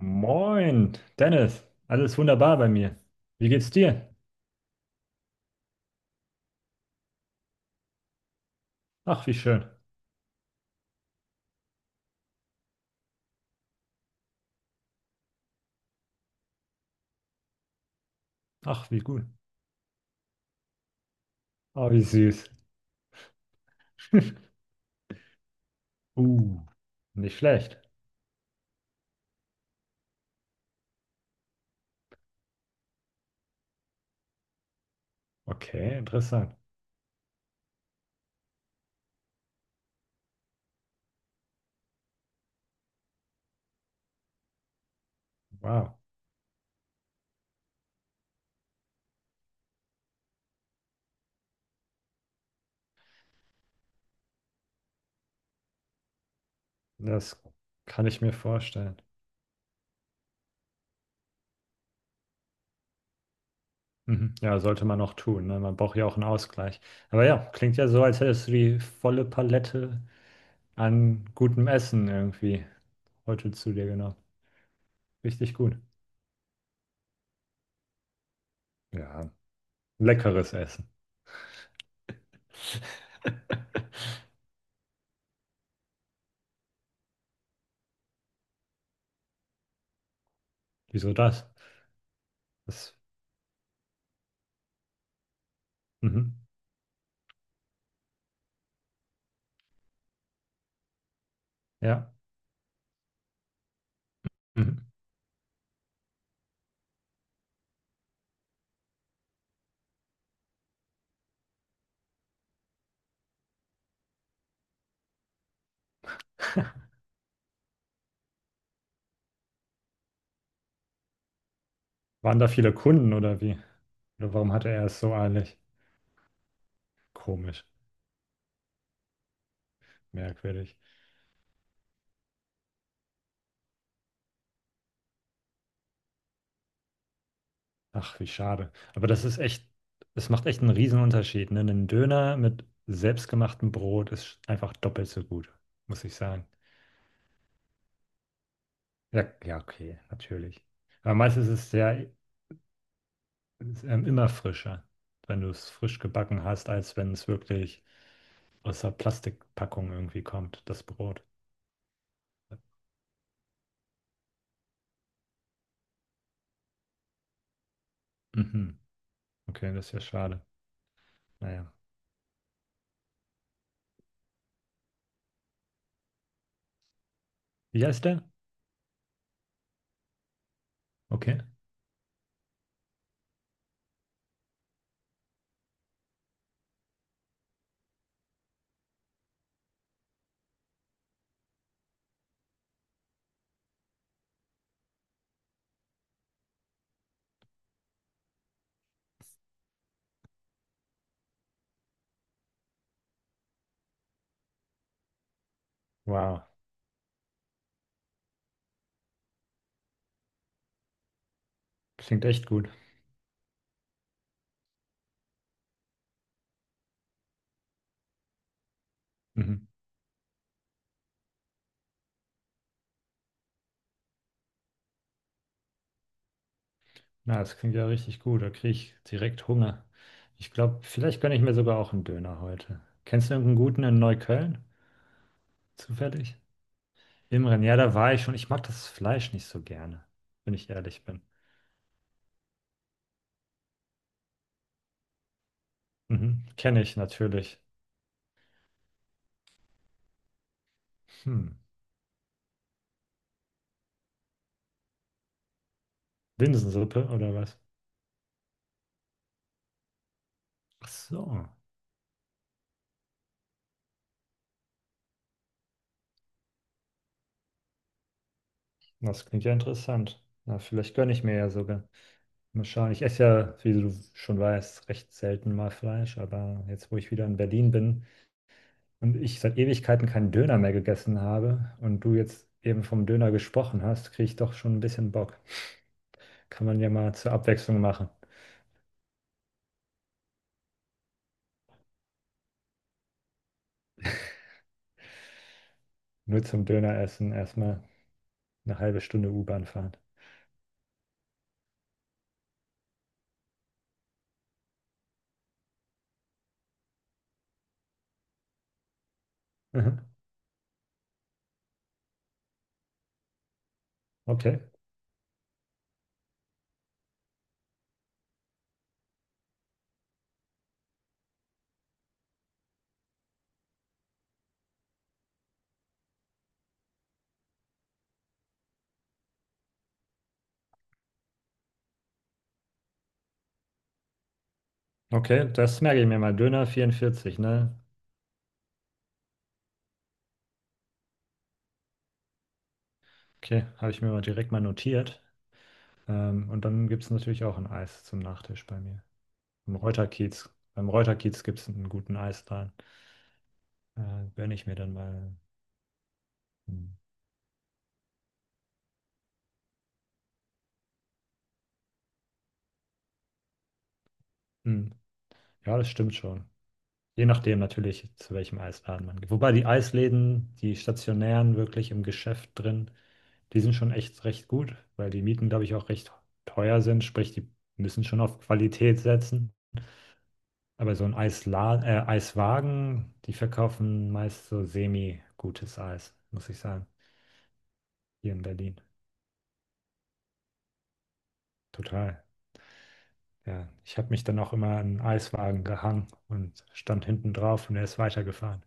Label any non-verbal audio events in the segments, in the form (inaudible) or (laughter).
Moin, Dennis. Alles wunderbar bei mir. Wie geht's dir? Ach, wie schön. Ach, wie gut. Ah, wie süß. (laughs) Uh, nicht schlecht. Okay, interessant. Wow, das kann ich mir vorstellen. Mhm. Ja, sollte man auch tun, ne? Man braucht ja auch einen Ausgleich. Aber ja, klingt ja so, als hättest du die volle Palette an gutem Essen irgendwie heute zu dir genommen. Richtig gut. Ja, leckeres Essen. (laughs) Wieso das? Das, mhm. Ja. Mhm. Waren da viele Kunden oder wie? Oder warum hatte er es so eilig? Komisch, merkwürdig. Ach, wie schade. Aber das ist echt, es macht echt einen Riesenunterschied. Ne? Ein Döner mit selbstgemachtem Brot ist einfach doppelt so gut, muss ich sagen. Ja, ja, okay, natürlich. Aber meistens ist es ja immer frischer, wenn du es frisch gebacken hast, als wenn es wirklich aus der Plastikpackung irgendwie kommt, das Brot. Mhm. Okay, das ist ja schade. Naja. Wie heißt der? Okay. Wow, klingt echt gut. Mhm. Na, das klingt ja richtig gut. Da kriege ich direkt Hunger. Ich glaube, vielleicht gönne ich mir sogar auch einen Döner heute. Kennst du irgendeinen guten in Neukölln? Zufällig? Imren, ja, da war ich schon. Ich mag das Fleisch nicht so gerne, wenn ich ehrlich bin. Mhm. Kenne ich natürlich. Hm. Linsensuppe oder was? Ach so. Das klingt ja interessant. Na, vielleicht gönne ich mir ja sogar. Mal schauen. Ich esse ja, wie du schon weißt, recht selten mal Fleisch, aber jetzt, wo ich wieder in Berlin bin, und ich seit Ewigkeiten keinen Döner mehr gegessen habe und du jetzt eben vom Döner gesprochen hast, kriege ich doch schon ein bisschen Bock. Kann man ja mal zur Abwechslung machen. Nur zum Döner essen, erstmal eine halbe Stunde U-Bahn fahren. Mhm. Okay, okay, das merke ich mir mal. Döner 44, ne? Okay, habe ich mir mal direkt mal notiert. Und dann gibt es natürlich auch ein Eis zum Nachtisch bei mir. Im Reuterkiez. Beim Reuterkiez gibt es einen guten Eisladen. Gönne ich mir dann mal. Mhm. Ja, das stimmt schon. Je nachdem natürlich, zu welchem Eisladen man geht. Wobei die Eisläden, die stationären wirklich im Geschäft drin, die sind schon echt recht gut, weil die Mieten, glaube ich, auch recht teuer sind. Sprich, die müssen schon auf Qualität setzen. Aber so ein Eisla Eiswagen, die verkaufen meist so semi-gutes Eis, muss ich sagen, hier in Berlin. Total. Ja, ich habe mich dann auch immer an einen Eiswagen gehangen und stand hinten drauf und er ist weitergefahren.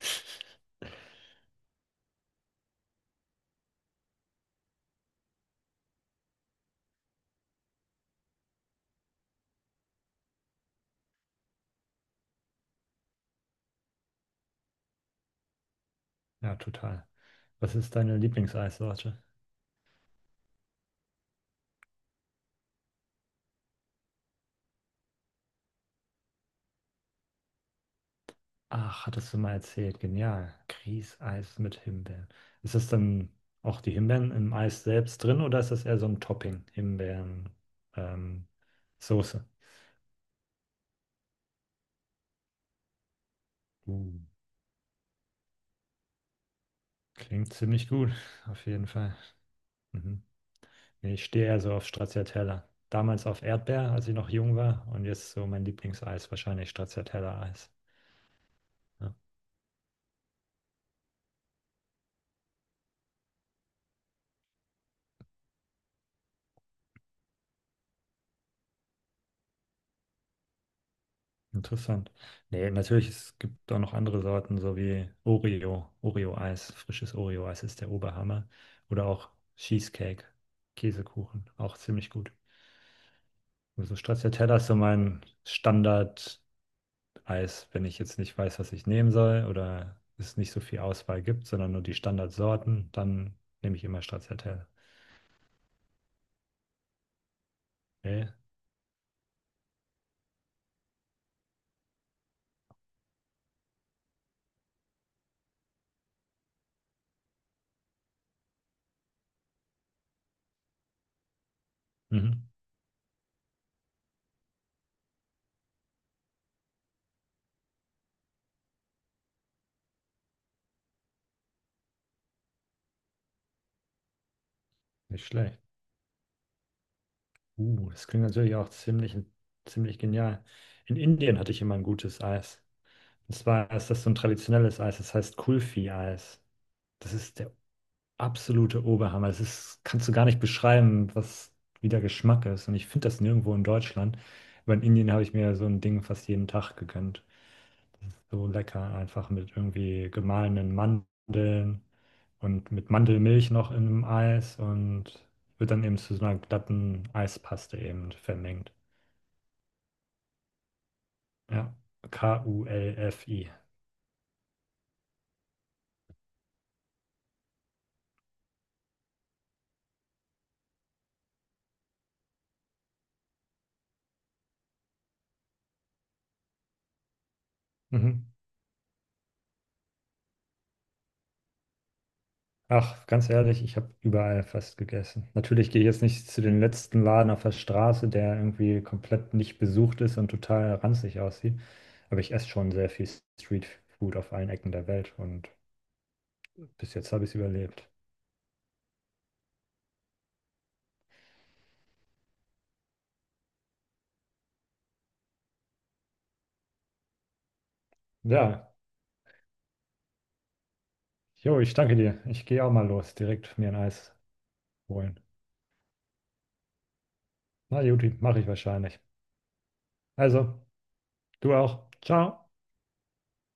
(laughs) Ja, total. Was ist deine Lieblingseissorte? Ach, hattest du mal erzählt. Genial. Grießeis mit Himbeeren. Ist das dann auch die Himbeeren im Eis selbst drin oder ist das eher so ein Topping? Himbeeren, ähm, Soße. Uh, klingt ziemlich gut, (laughs) auf jeden Fall. Mhm. Nee, ich stehe eher so auf Stracciatella. Damals auf Erdbeer, als ich noch jung war und jetzt so mein Lieblingseis, wahrscheinlich Stracciatella-Eis. Ja. Interessant. Nee, natürlich, es gibt auch noch andere Sorten, so wie Oreo, Oreo-Eis, frisches Oreo-Eis ist der Oberhammer. Oder auch Cheesecake, Käsekuchen, auch ziemlich gut. Also Stracciatella ist so mein Standard-Eis, wenn ich jetzt nicht weiß, was ich nehmen soll oder es nicht so viel Auswahl gibt, sondern nur die Standardsorten, dann nehme ich immer Stracciatella. Nee, mhm. Nicht schlecht. Das klingt natürlich auch ziemlich, ziemlich genial. In Indien hatte ich immer ein gutes Eis. Und zwar ist das so ein traditionelles Eis, das heißt Kulfi-Eis. Das ist der absolute Oberhammer. Das ist, kannst du gar nicht beschreiben, was, wie der Geschmack ist. Und ich finde das nirgendwo in Deutschland. Aber in Indien habe ich mir so ein Ding fast jeden Tag gegönnt. Das ist so lecker, einfach mit irgendwie gemahlenen Mandeln und mit Mandelmilch noch in einem Eis und wird dann eben zu so einer glatten Eispaste eben vermengt. Ja, Kulfi. Mhm. Ach, ganz ehrlich, ich habe überall fast gegessen. Natürlich gehe ich jetzt nicht zu den letzten Laden auf der Straße, der irgendwie komplett nicht besucht ist und total ranzig aussieht. Aber ich esse schon sehr viel Streetfood auf allen Ecken der Welt und bis jetzt habe ich es überlebt. Ja, jo, ich danke dir. Ich gehe auch mal los, direkt mir ein Eis holen. Na, Juti, mache ich wahrscheinlich. Also, du auch. Ciao.